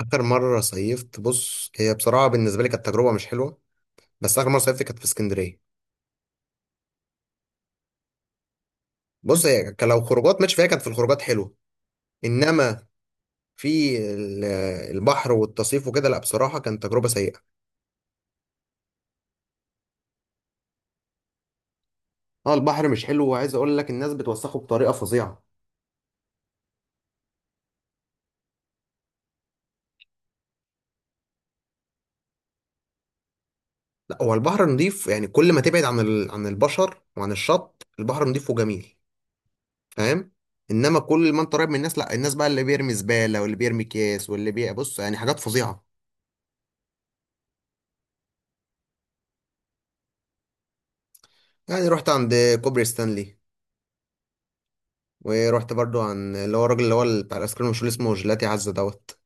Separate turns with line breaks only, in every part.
اخر مره صيفت، بص، هي بصراحه بالنسبه لي كانت تجربه مش حلوه. بس اخر مره صيفت كانت في اسكندريه. بص، هي كان لو خروجات ماشي فيها، كانت في الخروجات حلوه. انما في البحر والتصيف وكده، لا بصراحه كانت تجربه سيئه. اه، البحر مش حلو، وعايز اقول لك الناس بتوسخه بطريقه فظيعه. لا، هو البحر نضيف، يعني كل ما تبعد عن البشر وعن الشط البحر نضيف وجميل. فاهم؟ انما كل ما انت قريب من الناس، لا الناس بقى اللي بيرمي زباله واللي بيرمي كيس واللي بص، يعني حاجات فظيعه. يعني رحت عند كوبري ستانلي. ورحت برضو عن اللي هو الراجل اللي هو بتاع الايس كريم، مش اللي اسمه جيلاتي عزة دوت.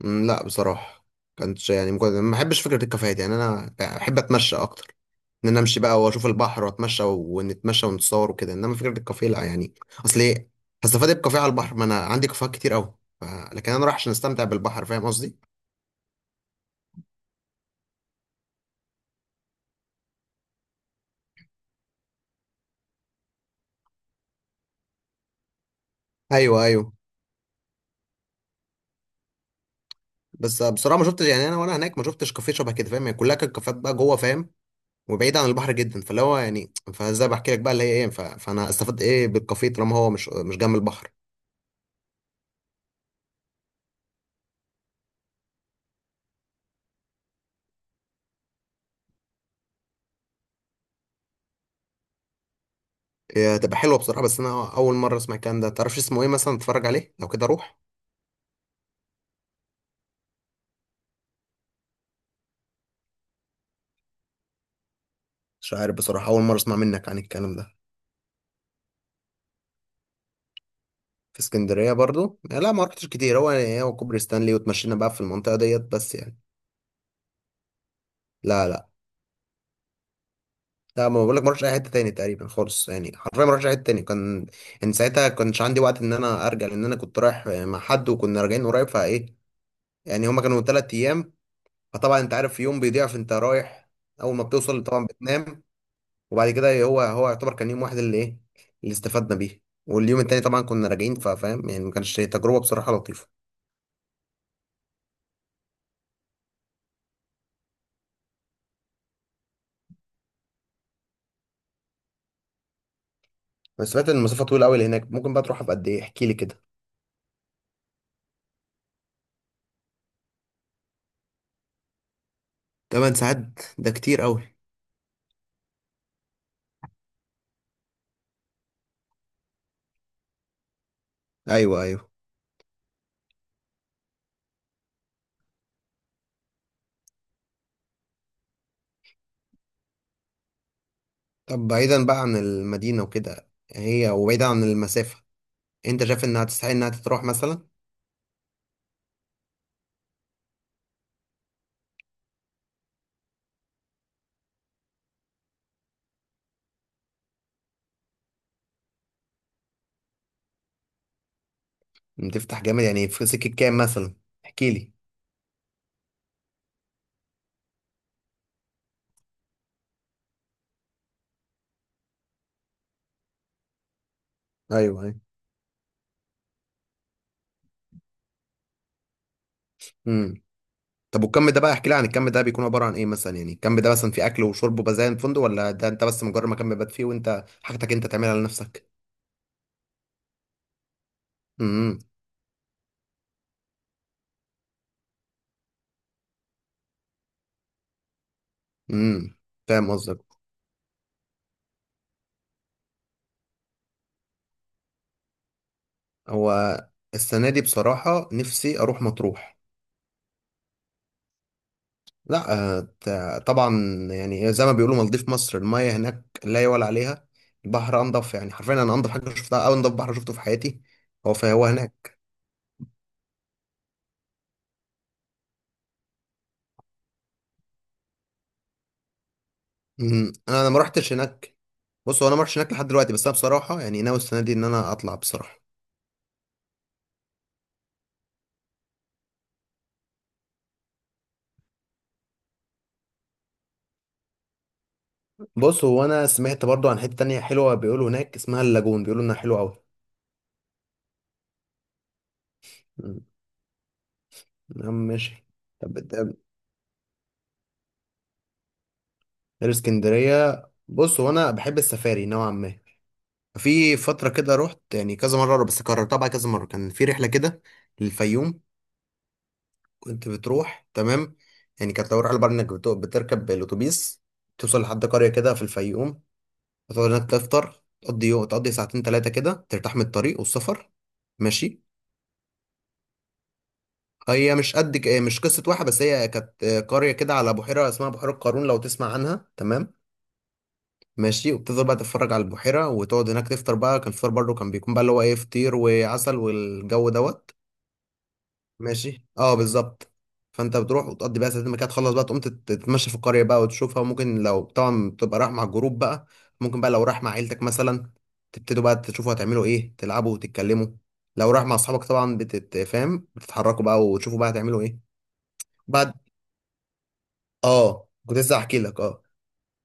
مم، لا بصراحة. كانتش، يعني مجرد ما بحبش فكرة الكافيهات، يعني انا بحب اتمشى اكتر. ان انا امشي بقى واشوف البحر واتمشى ونتمشى ونتصور وكده، انما فكرة الكافيه لا، يعني، اصل ايه هستفاد ايه بكافيه على البحر؟ ما انا عندي كافيهات كتير قوي. ف... لكن انا رايح عشان استمتع بالبحر. فاهم قصدي؟ ايوه، ايوه. بس بصراحة ما شفتش، يعني انا وانا هناك ما شفتش كافيه شبه كده. فاهم؟ يعني كلها كانت كافيهات بقى جوه، فاهم، وبعيد عن البحر جدا، فاللي هو يعني، فازاي بحكي لك بقى اللي هي ايه، فانا استفدت ايه بالكافيه طالما هو مش جنب البحر؟ إيه، هتبقى حلوه بصراحه، بس انا اول مره اسمع الكلام ده. تعرفش اسمه ايه مثلا؟ اتفرج عليه لو كده اروح. مش عارف بصراحه، اول مره اسمع منك عن الكلام ده. في اسكندريه برضو، لا ما رحتش كتير، هو يعني إيه، هو كوبري ستانلي وتمشينا بقى في المنطقه ديت، بس يعني. لا، لا، لا، ما بقول لك ما رحتش اي حته تاني تقريبا خالص، يعني حرفيا ما رحتش اي حته تاني. كان، ان ساعتها كانش عندي وقت ان انا ارجع، لان انا كنت رايح مع حد وكنا راجعين قريب، فايه، يعني هما كانوا 3 ايام. فطبعا انت عارف يوم بيضيع، فانت رايح اول ما بتوصل طبعا بتنام، وبعد كده هو يعتبر كان يوم واحد اللي استفدنا بيه، واليوم التاني طبعا كنا راجعين. فاهم؟ يعني ما كانش تجربه بصراحه لطيفه. بس سمعت ان المسافه طويله قوي هناك. ممكن بقى تروحها بقد ايه؟ احكي لي كده. 8 ساعات ده كتير قوي. ايوه، ايوه. طب بعيدا بقى عن المدينه وكده هي، وبعيدا عن المسافه، انت شايف انها تستحق انها تتروح مثلا؟ تفتح جامد يعني في سكه كام مثلا؟ احكي لي. ايوه، ايوه. طب والكم ده بقى، احكي لي عن الكم ده، بيكون عباره عن ايه مثلا؟ يعني الكم ده مثلا في اكل وشرب وبزايا فندق، ولا ده انت بس مجرد مكان بيبات فيه وانت حاجتك انت تعملها لنفسك؟ امم. امم. فاهم قصدك. هو السنه دي بصراحه نفسي اروح مطروح. لا. آه، طبعا. يعني إيه، زي ما بيقولوا مالديف مصر، المايه هناك لا يعلى عليها. البحر انضف، يعني حرفيا انا انضف حاجه شفتها، او انضف بحر شفته في حياتي. فهو هناك. امم. انا ما رحتش هناك. بص، هو انا ما رحتش هناك لحد دلوقتي، بس انا بصراحه يعني ناوي السنه دي ان انا اطلع بصراحه. بص، هو انا سمعت برضو عن حتة تانية حلوة بيقولوا هناك اسمها اللاجون، بيقولوا انها حلوة قوي. يا عم، ماشي. طب غير اسكندرية، بص، هو انا بحب السفاري نوعا ما. في فترة كده رحت يعني كذا مرة، بس كررتها بقى كذا مرة. كان في رحلة كده للفيوم. كنت بتروح تمام. يعني كانت لو رحلة بقى انك بتركب الاتوبيس، توصل لحد قرية كده في الفيوم، وتقعد هناك تفطر، تقضي يوم، تقضي ساعتين تلاتة كده، ترتاح من الطريق والسفر. ماشي. هي مش قد ك- مش قصة واحد، بس هي كانت قرية كده على بحيرة اسمها بحيرة قارون، لو تسمع عنها. تمام؟ ماشي. وبتفضل بقى تتفرج على البحيرة وتقعد هناك تفطر بقى. كان الفطار برضه كان بيكون بقى اللي هو ايه، فطير وعسل والجو دوت. ماشي. اه، بالظبط. فانت بتروح وتقضي بقى ساعتين ما كده تخلص بقى، تقوم تتمشى في القرية بقى وتشوفها، وممكن لو طبعا بتبقى رايح مع الجروب بقى، ممكن بقى لو رايح مع عيلتك مثلا، تبتدوا بقى تشوفوا هتعملوا ايه، تلعبوا وتتكلموا. لو رايح مع اصحابك طبعا بتتفاهم، بتتحركوا بقى وتشوفوا بقى هتعملوا ايه. بعد. اه، كنت لسه هحكي لك. اه.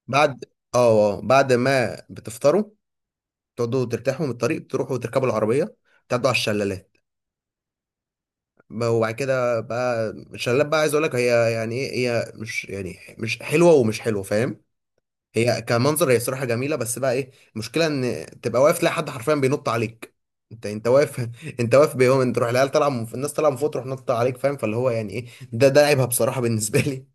بعد. اه، اه، بعد ما بتفطروا، تقعدوا ترتاحوا من الطريق، بتروحوا تركبوا العربيه، تعدوا على الشلالات. وبعد كده بقى الشلالات بقى، عايز اقول لك هي يعني ايه، هي مش حلوه ومش حلوه. فاهم؟ هي كمنظر هي صراحه جميله، بس بقى ايه المشكله، ان تبقى واقف تلاقي حد حرفيا بينط عليك. انت واقف انت واقف بيهم، انت تروح العيال طالعه الناس طالعه من فوق تروح نط عليك. فاهم؟ فاللي هو يعني ايه، ده عيبها بصراحه بالنسبه لي.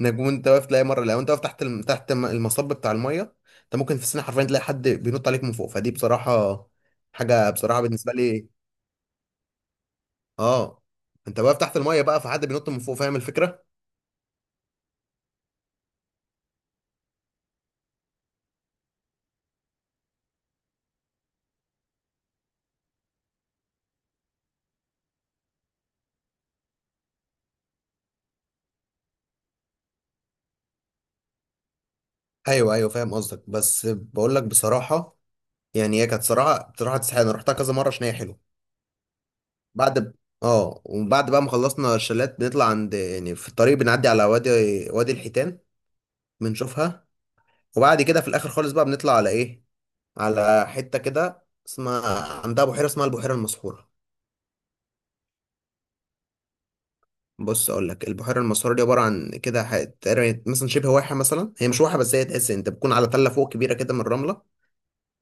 انك وانت واقف تلاقي مره لو انت واقف تحت المصب بتاع الميه، انت ممكن في السنه حرفيا تلاقي حد بينط عليك من فوق. فدي بصراحه حاجه بصراحه بالنسبه لي. اه، انت واقف تحت الميه بقى، فحد بينط من فوق. فاهم الفكره؟ ايوه، ايوه، فاهم قصدك، بس بقول لك بصراحه، يعني هي كانت صراحه بصراحه تستحق، انا رحتها كذا مره عشان هي حلوه. بعد ب... اه وبعد بقى ما خلصنا الشلات، بنطلع عند يعني في الطريق بنعدي على وادي، وادي الحيتان. بنشوفها. وبعد كده في الاخر خالص بقى بنطلع على حتة كده اسمها، عندها بحيرة اسمها البحيرة المسحورة. بص اقول لك، البحيرة المسحورة دي عبارة عن كده تقريبا مثلا شبه واحة مثلا، هي مش واحة، بس هي تحس انت بتكون على تلة فوق كبيرة كده من الرملة،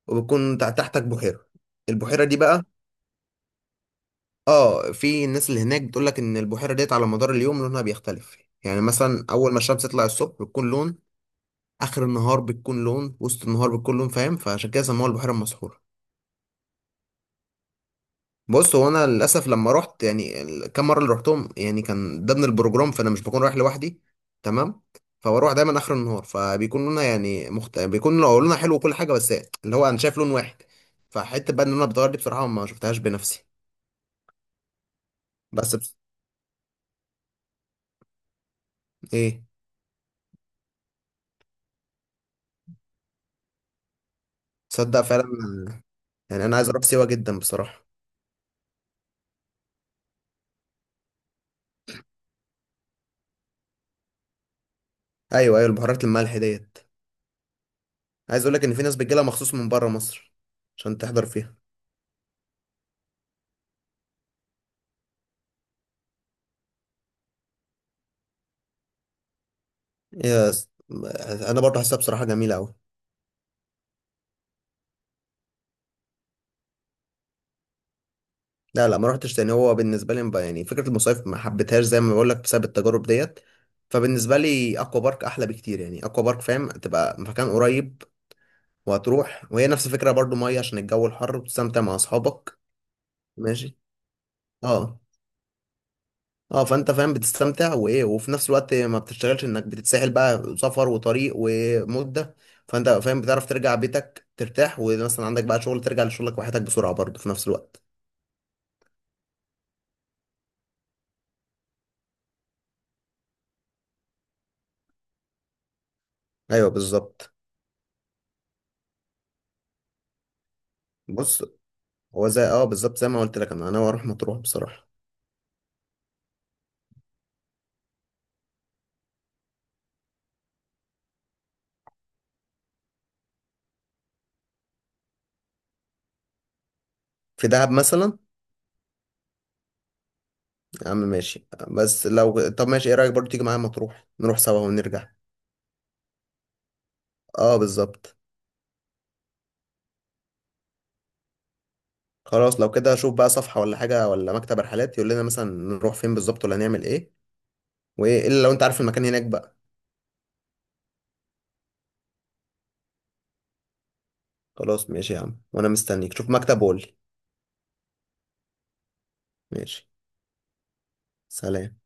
وبتكون تحتك بحيرة. البحيرة دي بقى، اه في الناس اللي هناك بتقول لك ان البحيرة ديت على مدار اليوم لونها بيختلف. يعني مثلا اول ما الشمس تطلع الصبح بتكون لون، اخر النهار بتكون لون، وسط النهار بتكون لون. فاهم؟ فعشان كده سموها البحيرة المسحورة. بص هو انا للاسف لما رحت يعني كم مره اللي رحتهم، يعني كان ضمن البروجرام، فانا مش بكون رايح لوحدي. تمام. فبروح دايما اخر النهار، فبيكون لونها يعني بيكون لونها حلو وكل حاجه، بس اللي هو انا شايف لون واحد. فحته بقى ان انا بتغير دي بصراحه ما شفتهاش بنفسي. بس ايه. تصدق فعلا، يعني انا عايز اروح سيوه جدا بصراحه. ايوه، ايوه، البهارات، الملح ديت. عايز اقول لك ان في ناس بتجيلها مخصوص من بره مصر، عشان تحضر فيها. يس، انا برضه حاسسها بصراحه جميله قوي. لا، لا، ما رحتش تاني، هو بالنسبه لي يعني فكره المصايف ما حبيتهاش زي ما بقول لك بسبب التجارب ديت. فبالنسبه لي اكوا بارك احلى بكتير، يعني اكوا بارك، فاهم؟ تبقى مكان قريب، وهتروح، وهي نفس الفكره برضو، ميه عشان الجو الحر وتستمتع مع اصحابك. ماشي. اه، اه، فانت فاهم بتستمتع وايه، وفي نفس الوقت ما بتشتغلش انك بتتسحل بقى سفر وطريق ومده. فانت فاهم بتعرف ترجع بيتك ترتاح، ومثلا عندك بقى شغل ترجع لشغلك وحياتك بسرعه برضو في نفس الوقت. ايوه، بالظبط. بص هو زي اه بالظبط زي ما قلت لك، انا اروح مطروح بصراحه. في دهب مثلا. يا عم، ماشي، بس لو طب ماشي، ايه رايك برضو تيجي معايا مطروح نروح سوا ونرجع؟ اه، بالظبط. خلاص، لو كده اشوف بقى صفحه ولا حاجه ولا مكتب رحلات يقول لنا مثلا نروح فين بالظبط، ولا نعمل ايه. وايه الا لو انت عارف المكان هناك بقى. خلاص، ماشي يا عم، وانا مستنيك، شوف مكتب وقول لي. ماشي، سلام.